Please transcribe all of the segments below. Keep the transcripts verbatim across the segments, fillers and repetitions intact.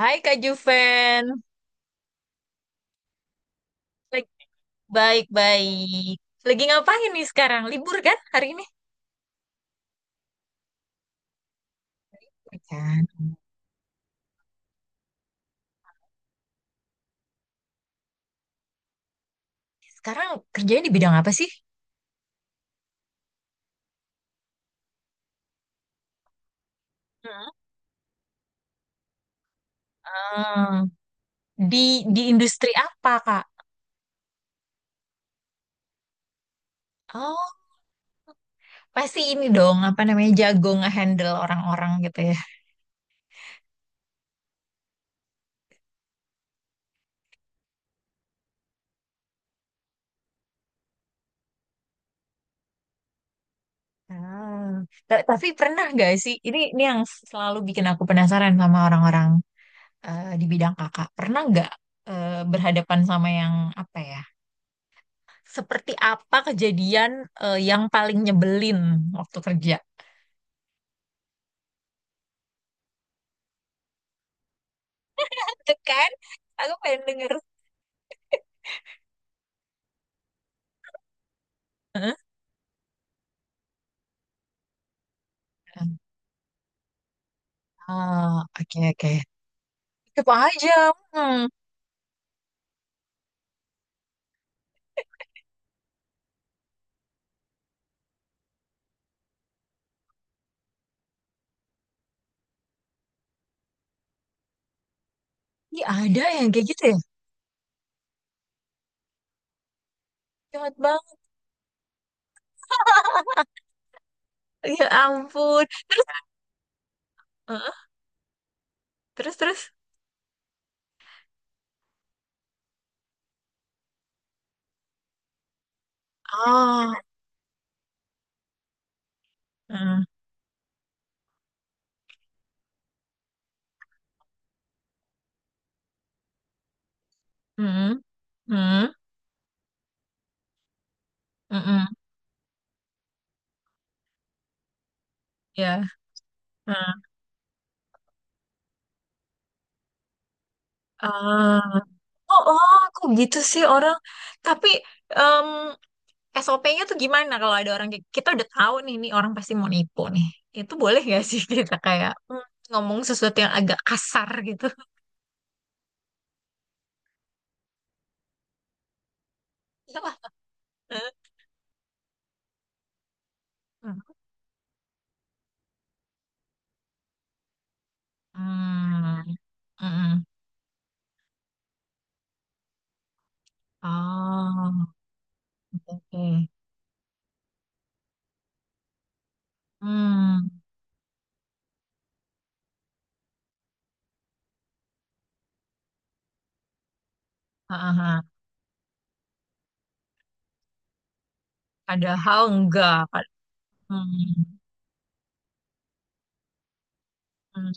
Hai Kak Juven, Lagi- baik-baik. Lagi ngapain nih sekarang? Libur kan hari ini? Libur kan. Sekarang kerjanya di bidang apa sih? Hmm. Ah, di di industri apa Kak? Oh, pasti ini dong apa namanya jago ngehandle orang-orang gitu ya. Ah. Ta- Tapi pernah gak sih? Ini ini yang selalu bikin aku penasaran sama orang-orang eh, di bidang kakak. Pernah nggak eh, berhadapan sama yang apa ya? Seperti apa kejadian eh, yang paling nyebelin waktu kerja? Itu kan? Aku pengen denger. Heeh. Ah, oke oke. Coba aja. Hmm. Ini ada yang kayak gitu ya? Jahat banget. Ya ampun. Terus, heeh, terus, terus. Ah, hmm, hmm, hmm, hmm, ya, hmm. Ah, oh, oh, aku gitu sih orang. Tapi, mmm, S O P-nya tuh gimana kalau ada orang kayak kita udah tahu nih nih orang pasti mau nipu nih. Itu boleh gak sih kita kayak mm, ngomong sesuatu yang agak kasar gitu? Iya lah. Hmm. Mm-mm. Oh, oke, oke. Hmm. Ha, ha, ha. Padahal enggak. Pad- Hmm. Hmm.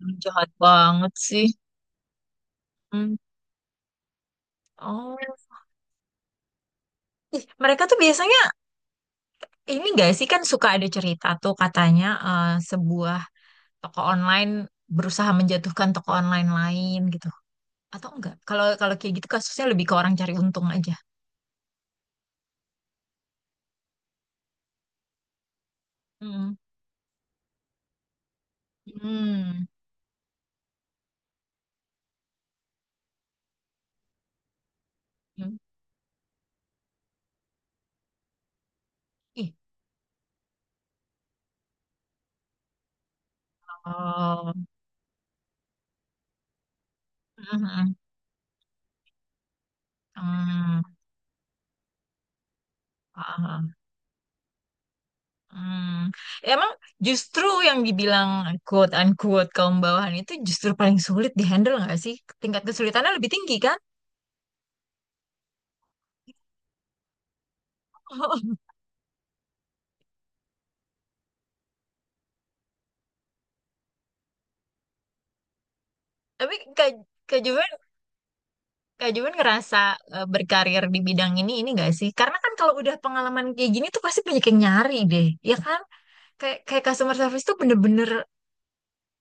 Hmm, jahat banget sih. Hmm. Oh. Ih, mereka tuh biasanya ini gak sih kan suka ada cerita tuh katanya eh, sebuah toko online berusaha menjatuhkan toko online lain gitu atau enggak kalau kalau kayak gitu kasusnya lebih ke orang cari untung aja. Hmm, hmm, hmm, ih, oh, hmm, hmm. Paham. Hmm. Emang justru yang dibilang quote unquote kaum bawahan itu justru paling sulit dihandle nggak sih? Tingkat kesulitannya lebih tinggi kan? Tapi Kak, Kak Juven, Kak Juan ngerasa eh, berkarir di bidang ini ini gak sih? Karena kan kalau udah pengalaman kayak gini tuh pasti banyak yang nyari deh, ya kan? Kayak kayak customer service tuh bener-bener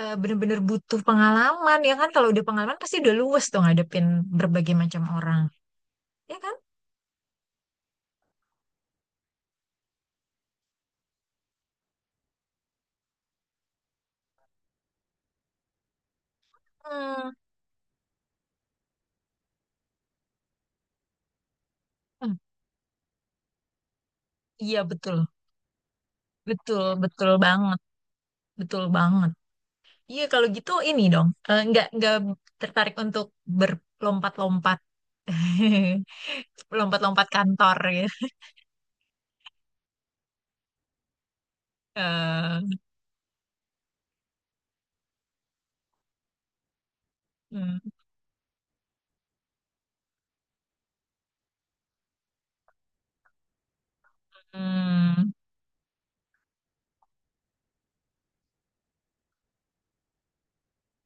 eh, bener-bener butuh pengalaman, ya kan? Kalau udah pengalaman pasti udah luwes tuh ngadepin berbagai macam orang, ya kan? Hmm, hmm, iya betul, betul, betul banget, betul banget. Iya kalau gitu ini dong, eh, nggak nggak tertarik untuk berlompat-lompat, lompat-lompat kantor ya. Eh, hmm. Hmm,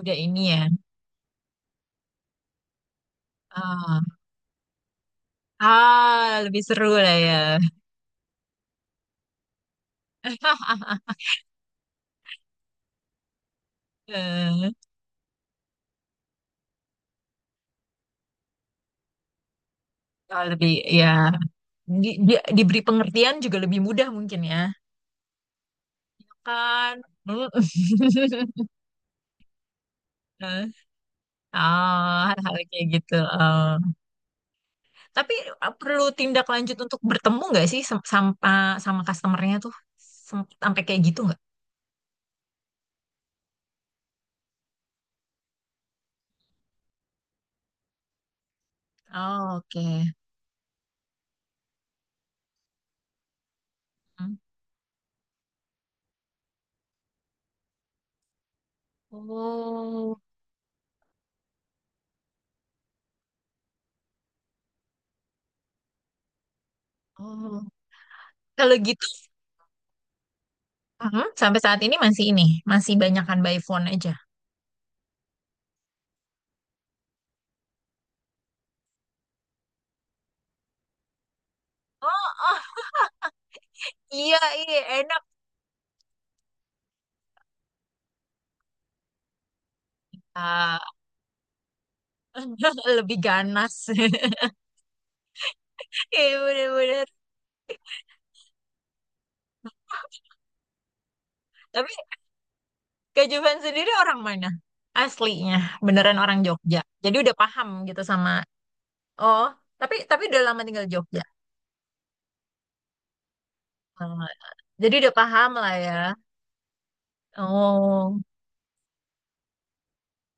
udah ini ya. Ah, ah lebih seru lah ya. Eh, kalau lebih ya di, di- diberi pengertian juga lebih mudah mungkin ya. Kan. Mm. Eh, ah, hal-hal kayak gitu. Ah. Tapi eh, perlu tindak lanjut untuk bertemu nggak sih sam- sama sama customernya tuh Sem- sampai kayak gitu nggak? Oh, oke. Hmm. Oh, oh. Kalau gitu mhm, sampai saat ini masih ini, masih banyakan by phone aja. Oh, oh, iya, iya, enak. Ah, lebih ganas. Iya, bener-bener. Tapi Kak Juven sendiri orang mana? Aslinya, beneran orang Jogja. Jadi udah paham gitu sama, oh, tapi tapi udah lama tinggal di Jogja. Oh, jadi udah paham lah ya. Oh,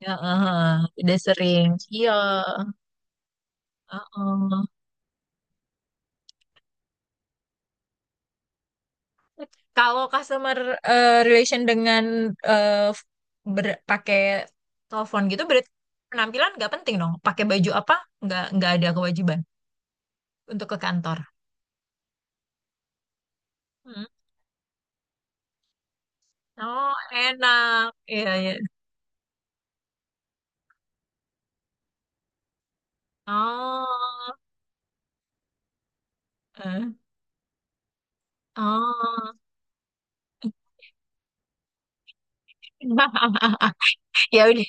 ya, eh, eh, udah sering. Iya, eh, eh. Kalau customer eh, relation dengan eh, ber- pakai telepon gitu berarti penampilan nggak penting dong. Pakai baju apa nggak nggak ada kewajiban untuk ke kantor. Hmm. Oh enak, iya iya. Oh, eh, oh. Ya udah,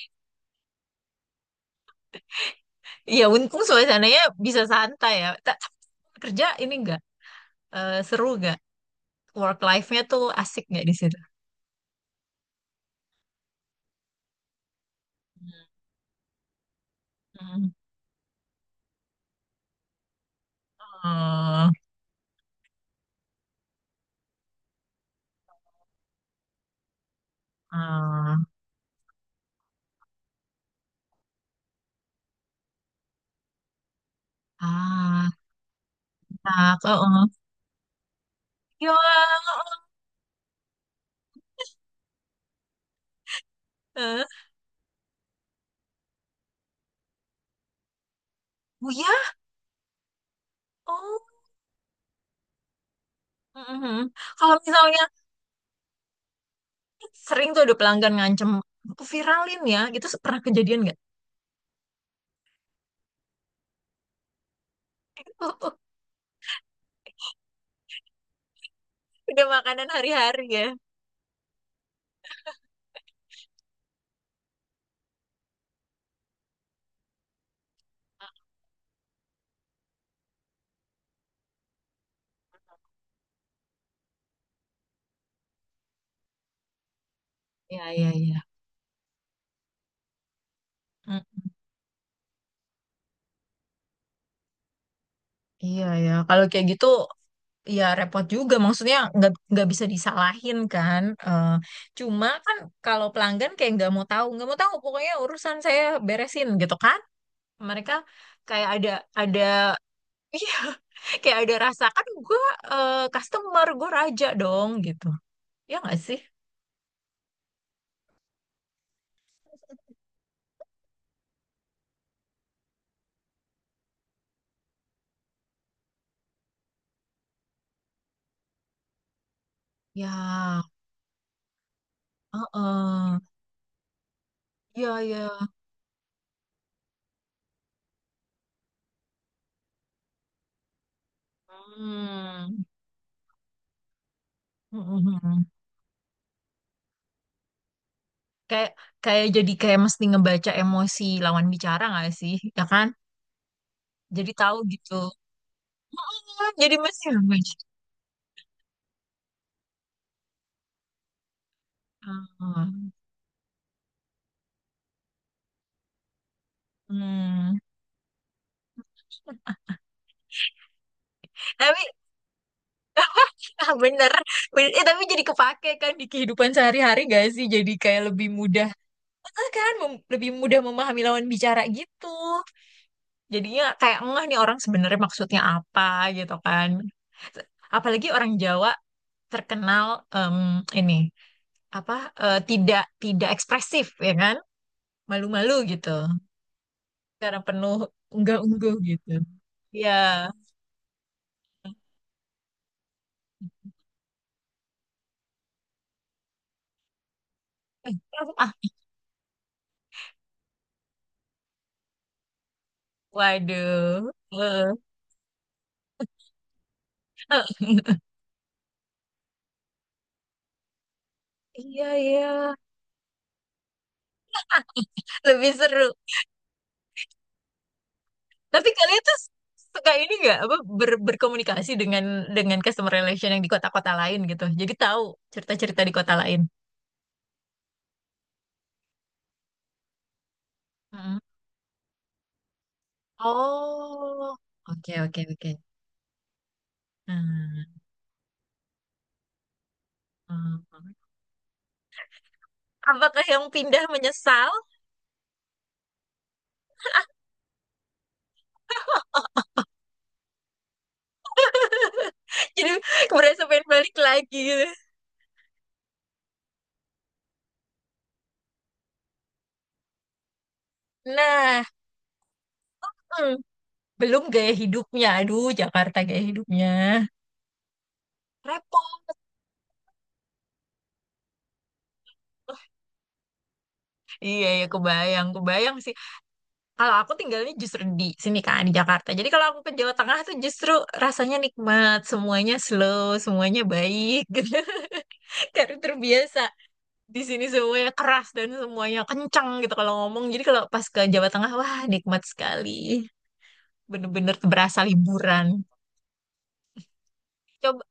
ya untung suasananya bisa santai ya. Ta- tapi kerja ini nggak eh, seru nggak? Work life-nya tuh asik nggak di situ? Hmm. Hmm. Oh, oh. Ah, enak. Oh, oh. Ya, eh, oh ya, oh, mhm. Kalau misalnya sering tuh ada pelanggan ngancem, aku viralin ya, itu se- pernah kejadian nggak? Udah makanan hari-hari ya. Ya, ya, ya. Mm, iya ya, kalau kayak gitu ya repot juga. Maksudnya nggak nggak bisa disalahin kan. Eh, cuma kan kalau pelanggan kayak nggak mau tahu, nggak mau tahu pokoknya urusan saya beresin gitu kan. Mereka kayak ada ada iya, kayak ada rasa kan gue eh, customer gue raja dong gitu ya nggak sih ya heeh, ya ya hmm. Mm-mm. Kayak kayak jadi kayak mesti ngebaca emosi lawan bicara nggak sih ya kan jadi tahu gitu. Ah, jadi mesti ngebaca. Ah. Hmm. Tapi ah, bener, bener. Eh, tapi jadi kepake kan di kehidupan sehari-hari gak sih? Jadi kayak lebih mudah, ah, kan Mem- lebih mudah memahami lawan bicara gitu. Jadinya kayak ngeh nih orang sebenarnya maksudnya apa gitu kan. Apalagi orang Jawa terkenal em, ini apa eh, tidak tidak ekspresif ya kan, malu-malu gitu. Karena penuh unggah-ungguh gitu. Ya. Eh, ah, waduh. Eh, eh, iya iya. Lebih seru. Tapi kalian tuh suka ini nggak apa ber- berkomunikasi dengan dengan customer relation yang di kota-kota lain gitu. Jadi tahu cerita-cerita di kota lain. Oh, oke oke oke. Hmm, hmm, hmm. Apakah yang pindah menyesal? Jadi merasa pengen balik lagi gitu. Nah, hmm, belum gaya hidupnya. Aduh, Jakarta gaya hidupnya. Repot. Iya, ya kebayang, kebayang sih. Kalau aku tinggalnya justru di sini kan, di Jakarta. Jadi kalau aku ke Jawa Tengah tuh justru rasanya nikmat. Semuanya slow, semuanya baik gitu. Karena terbiasa di sini semuanya keras dan semuanya kencang gitu kalau ngomong. Jadi kalau pas ke Jawa Tengah, wah nikmat sekali. Bener-bener berasa liburan. Coba.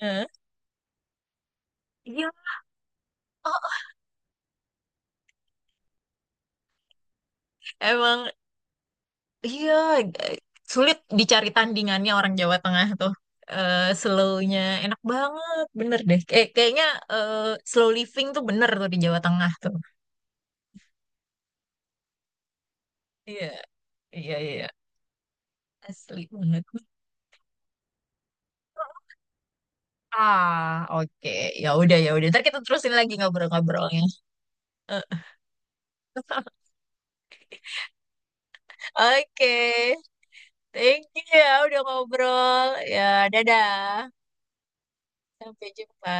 Eh, iya, oh, emang iya eh, sulit dicari tandingannya orang Jawa Tengah tuh. Eh slow-nya enak banget, bener deh. Kayak kayaknya eh, slow living tuh bener tuh di Jawa Tengah tuh. Iya, iya, iya. Asli banget. Ah, oke. Ya udah, ya udah. Ntar kita terusin lagi ngobrol-ngobrolnya. Eh. Oke, thank you ya udah ngobrol. Ya, dadah. Sampai jumpa.